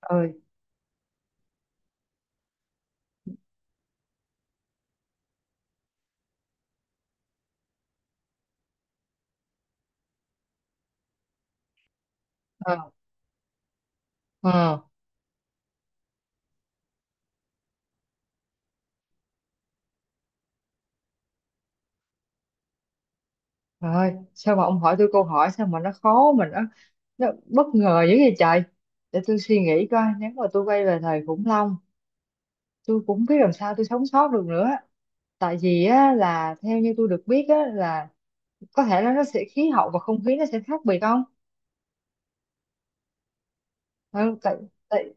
Ơi ờ ờ trời ơi, sao mà ông hỏi tôi câu hỏi sao mà nó khó mà nó bất ngờ dữ vậy trời. Để tôi suy nghĩ coi, nếu mà tôi quay về thời khủng long tôi cũng không biết làm sao tôi sống sót được nữa. Tại vì á, là theo như tôi được biết á, là có thể là nó sẽ khí hậu và không khí nó sẽ khác biệt không. Ừ, tại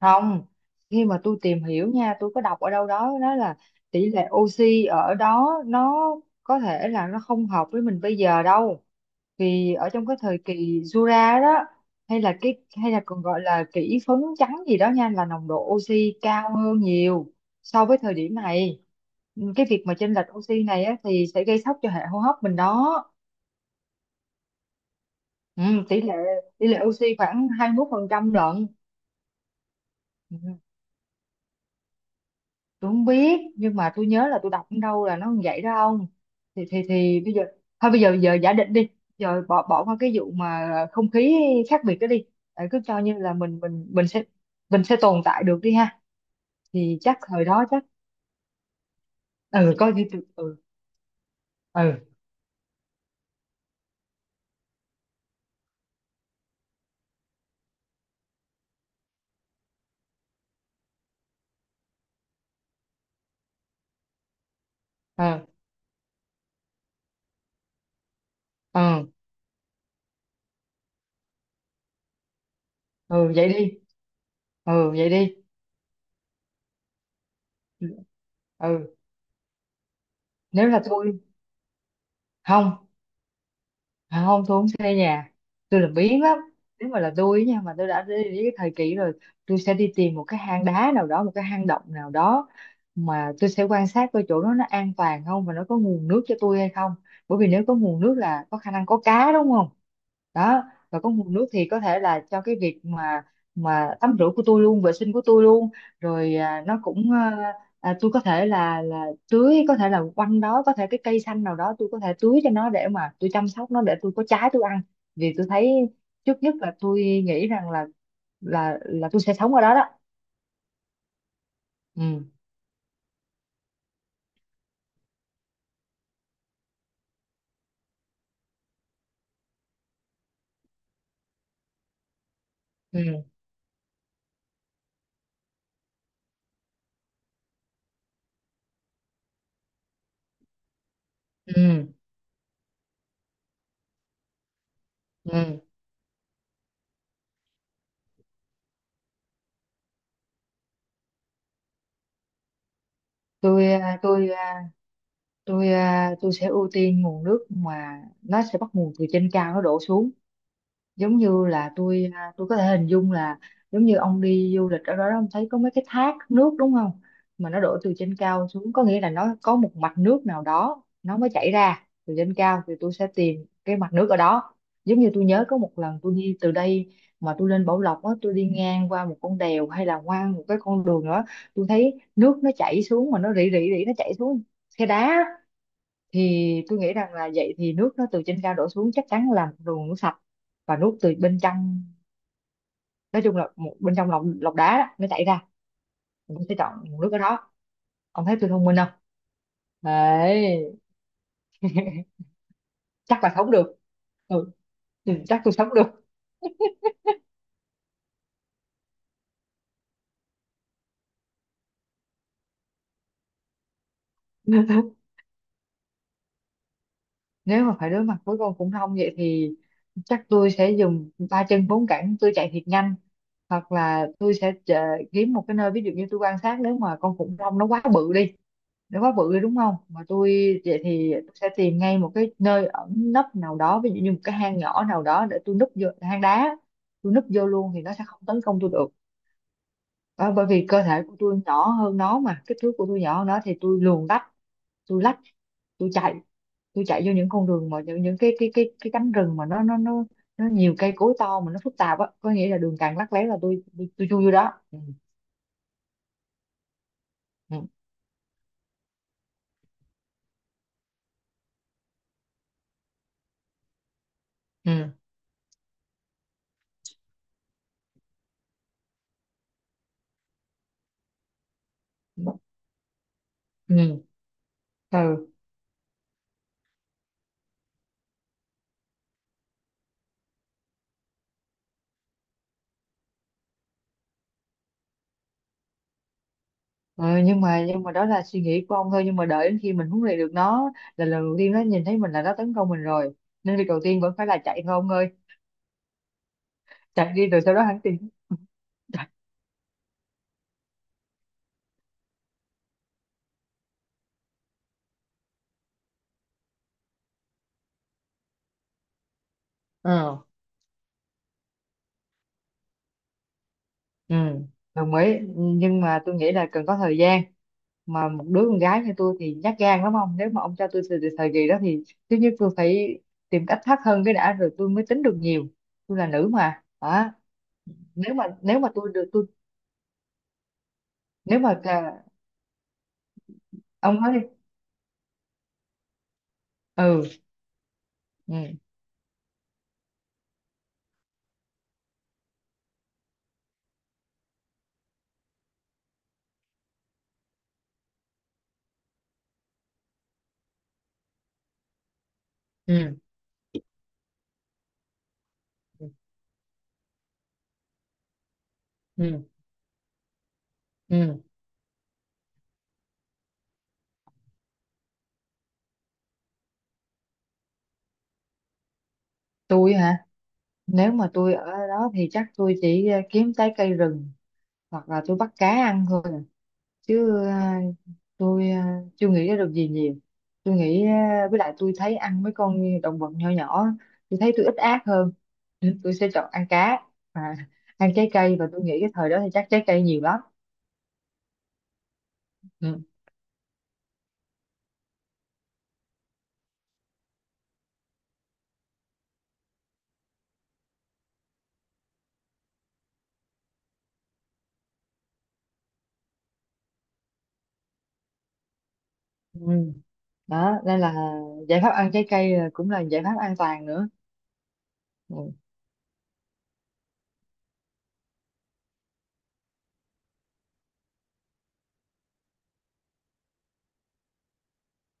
không. Khi mà tôi tìm hiểu nha, tôi có đọc ở đâu đó, đó là tỷ lệ oxy ở đó nó có thể là nó không hợp với mình bây giờ đâu. Thì ở trong cái thời kỳ Jura đó, hay là còn gọi là kỷ phấn trắng gì đó nha, là nồng độ oxy cao hơn nhiều so với thời điểm này. Ừ, cái việc mà chênh lệch oxy này á, thì sẽ gây sốc cho hệ hô hấp mình đó. Ừ, tỷ lệ tỷ lệ oxy khoảng 21% lận. Ừ. Tôi không biết nhưng mà tôi nhớ là tôi đọc ở đâu là nó như vậy đó ông. Thì bây giờ, thôi bây giờ giờ giả định đi, giờ bỏ bỏ qua cái vụ mà không khí khác biệt đó đi. Ờ, cứ cho như là mình sẽ mình sẽ tồn tại được đi ha. Thì chắc thời đó chắc ừ coi như từ- ừ ừ ừ ừ ừ vậy đi, ừ vậy đi. ừ ừ, Nếu là tôi không. À, không, tôi không xây nhà, tôi là biến lắm. Nếu mà là tôi nha, mà tôi đã đi đến cái thời kỳ rồi, tôi sẽ đi tìm một cái hang đá nào đó, một cái hang động nào đó, mà tôi sẽ quan sát coi chỗ đó nó an toàn không và nó có nguồn nước cho tôi hay không. Bởi vì nếu có nguồn nước là có khả năng có cá đúng không. Đó, và có nguồn nước thì có thể là cho cái việc mà tắm rửa của tôi luôn, vệ sinh của tôi luôn. Nó cũng tôi có thể là tưới, có thể là quanh đó có thể cái cây xanh nào đó tôi có thể tưới cho nó để mà tôi chăm sóc nó để tôi có trái tôi ăn. Vì tôi thấy trước nhất là tôi nghĩ rằng là là tôi sẽ sống ở đó đó. ừ ừ ừ ừ tôi à, tôi à, tôi sẽ ưu tiên nguồn nước mà nó sẽ bắt nguồn từ trên cao nó đổ xuống. Giống như là tôi có thể hình dung là giống như ông đi du lịch ở đó ông thấy có mấy cái thác nước đúng không, mà nó đổ từ trên cao xuống có nghĩa là nó có một mạch nước nào đó nó mới chảy ra từ trên cao, thì tôi sẽ tìm cái mạch nước ở đó. Giống như tôi nhớ có một lần tôi đi từ đây mà tôi lên Bảo Lộc á, tôi đi ngang qua một con đèo hay là qua một cái con đường nữa, tôi thấy nước nó chảy xuống mà nó rỉ rỉ rỉ nó chảy xuống khe đá. Thì tôi nghĩ rằng là vậy thì nước nó từ trên cao đổ xuống chắc chắn là một nguồn nước sạch, và nước từ bên trong, nói chung là một bên trong lọc lọc đá đó, nó chảy ra. Mình sẽ chọn nguồn nước ở đó. Ông thấy tôi thông minh không? Đấy. Chắc là sống được. Ừ. Ừ, chắc tôi sống được. Nếu mà phải đối mặt với con khủng long vậy thì chắc tôi sẽ dùng ba chân bốn cẳng tôi chạy thiệt nhanh, hoặc là kiếm một cái nơi, ví dụ như tôi quan sát nếu mà con khủng long nó quá bự đi, để quá bự đi đúng không mà tôi vậy thì tôi sẽ tìm ngay một cái nơi ẩn nấp nào đó, ví dụ như một cái hang nhỏ nào đó để tôi núp vô hang đá, tôi núp vô luôn thì nó sẽ không tấn công tôi được. Đó, bởi vì cơ thể của tôi nhỏ hơn nó, mà kích thước của tôi nhỏ hơn nó thì tôi luồn lách, tôi lách, tôi chạy tôi chạy vô những con đường mà những cái cánh rừng mà nó nhiều cây cối to mà nó phức tạp á, có nghĩa là đường càng lắt léo là tôi chui vô đó, ừ. Ừ. Ừ. Ừ. Ừ. ừ. Ờ, nhưng mà đó là suy nghĩ của ông thôi, nhưng mà đợi đến khi mình huấn luyện được nó, là lần đầu tiên nó nhìn thấy mình là nó tấn công mình rồi, nên việc đầu tiên vẫn phải là chạy thôi ông ơi. Chạy đi rồi sau đó hắn tìm. Trời, ờ Ừ, đồng ý, nhưng mà tôi nghĩ là cần có thời gian. Mà một đứa con gái như tôi thì nhát gan lắm ông, nếu mà ông cho tôi từ thời kỳ đó thì thứ nhất tôi phải tìm cách thoát thân cái đã rồi tôi mới tính được nhiều. Tôi là nữ mà hả? Nếu mà nếu mà tôi được tôi nếu mà cả- Ông nói đi. ừ ừ ừ ừ ừ Ừ, tôi hả? Nếu mà tôi ở đó thì chắc tôi chỉ kiếm trái cây rừng, hoặc là tôi bắt cá ăn thôi. À. Chứ tôi ờ, chưa nghĩ ra được gì nhiều. Tôi nghĩ với lại tôi thấy ăn mấy con động vật nhỏ nhỏ, tôi thấy tôi ít ác hơn. Nên tôi sẽ chọn ăn cá và ăn trái cây, và tôi nghĩ cái thời đó thì chắc trái cây nhiều lắm. Ừ. Ừ. Đó, nên là giải pháp ăn trái cây là cũng là giải pháp an toàn nữa. Ừ.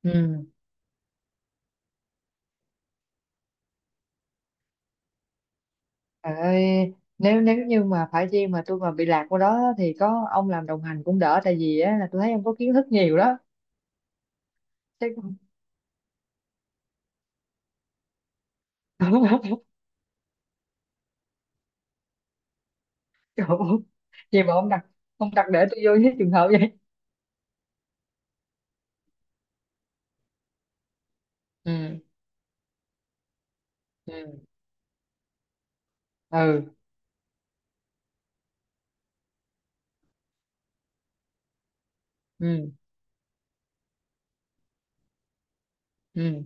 Ừ. Trời ơi, nếu nếu như mà phải chi mà tôi mà bị lạc qua đó thì có ông làm đồng hành cũng đỡ, tại vì á, là tôi thấy ông có kiến thức nhiều đó, chứ không. Trời ơi, gì mà ông đặt để tôi vô cái trường hợp vậy. ừ ừ ừ ừ ừ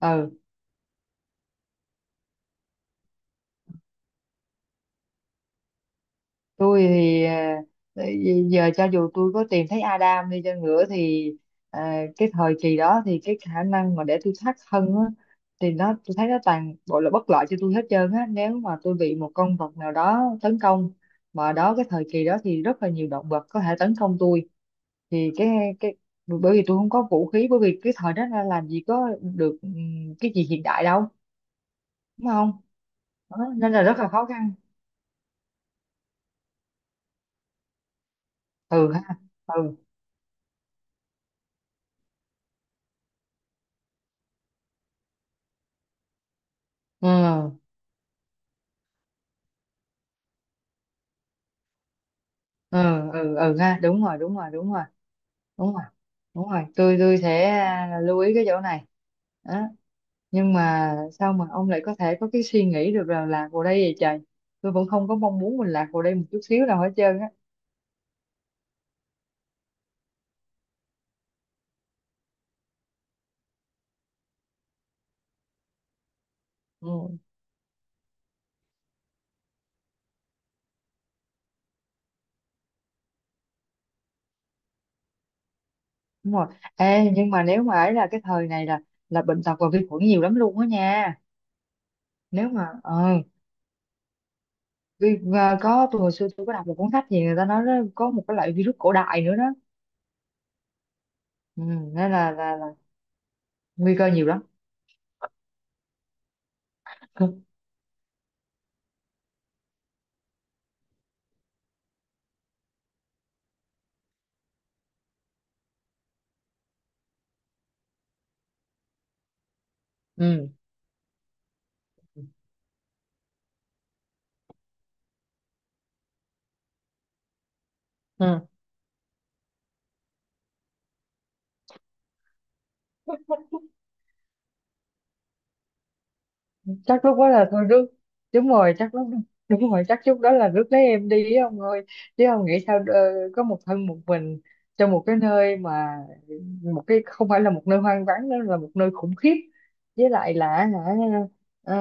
ừ tôi thì giờ cho dù tôi có tìm thấy Adam đi chăng nữa thì cái thời kỳ đó thì cái khả năng mà để tôi thoát thân á, thì nó tôi thấy nó toàn bộ là bất lợi cho tôi hết trơn á, nếu mà tôi bị một con vật nào đó tấn công. Mà đó, cái thời kỳ đó thì rất là nhiều động vật có thể tấn công tôi. Thì cái cái bởi vì tôi không có vũ khí, bởi vì cái thời đó là làm gì có được cái gì hiện đại đâu, đúng không? Đó, nên là rất là khó khăn. Ừ ha ừ ừ ừ ừ Ừ ha, đúng rồi, đúng rồi, đúng rồi đúng rồi, tôi sẽ lưu ý cái chỗ này. Đó. Nhưng mà sao mà ông lại có thể có cái suy nghĩ được là lạc vào đây vậy trời, tôi vẫn không có mong muốn mình lạc vào đây một chút xíu nào hết trơn á. Ừ, đúng rồi. Ê, nhưng mà nếu mà ấy là cái thời này là bệnh tật và vi khuẩn nhiều lắm luôn á nha. Nếu mà và có, tôi hồi xưa tôi có đọc một cuốn sách gì người ta nói đó, có một cái loại virus cổ đại nữa đó. Ừ, nên là nguy cơ nhiều lắm. ừ. Ừ. Chắc lúc đó là thôi rước, đúng rồi chắc lúc đúng rồi chắc lúc đó là rước lấy em đi ấy ông ơi. Chứ ông nghĩ sao, có một thân một mình trong một cái nơi mà một cái không phải là một nơi hoang vắng nữa, là một nơi khủng khiếp, với lại là hả, ờ,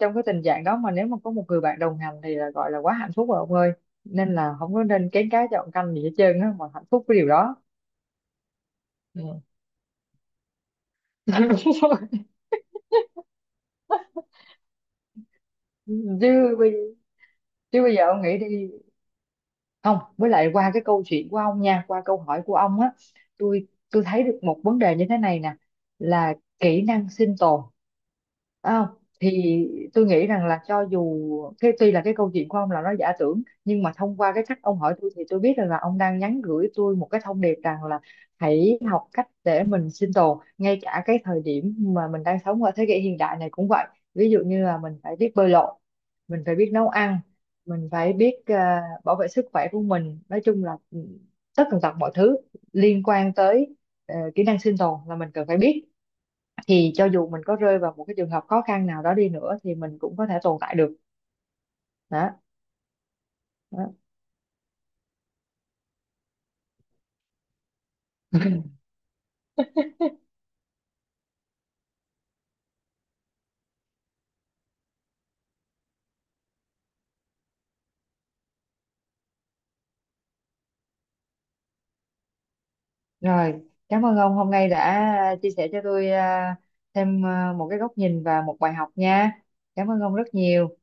trong cái tình trạng đó mà nếu mà có một người bạn đồng hành thì là gọi là quá hạnh phúc rồi ông ơi. Nên là không có nên kén cá chọn canh gì hết trơn á, mà hạnh phúc với điều đó. Ừ. Đúng rồi. chứ bây Chứ bây giờ ông nghĩ đi. Không, với lại qua cái câu chuyện của ông nha, qua câu hỏi của ông á, tôi thấy được một vấn đề như thế này nè, là kỹ năng sinh tồn. Phải. Thì tôi nghĩ rằng là cho dù cái là cái câu chuyện của ông là nó giả tưởng, nhưng mà thông qua cái cách ông hỏi tôi thì tôi biết rằng là ông đang nhắn gửi tôi một cái thông điệp rằng là hãy học cách để mình sinh tồn ngay cả cái thời điểm mà mình đang sống ở thế kỷ hiện đại này cũng vậy. Ví dụ như là mình phải biết bơi lội, mình phải biết nấu ăn, mình phải biết bảo vệ sức khỏe của mình, nói chung là tất tần tật mọi thứ liên quan tới kỹ năng sinh tồn là mình cần phải biết. Thì cho dù mình có rơi vào một cái trường hợp khó khăn nào đó đi nữa thì mình cũng có thể tồn tại được. Đó, đó. Rồi, cảm ơn ông hôm nay đã chia sẻ cho tôi thêm một cái góc nhìn và một bài học nha. Cảm ơn ông rất nhiều.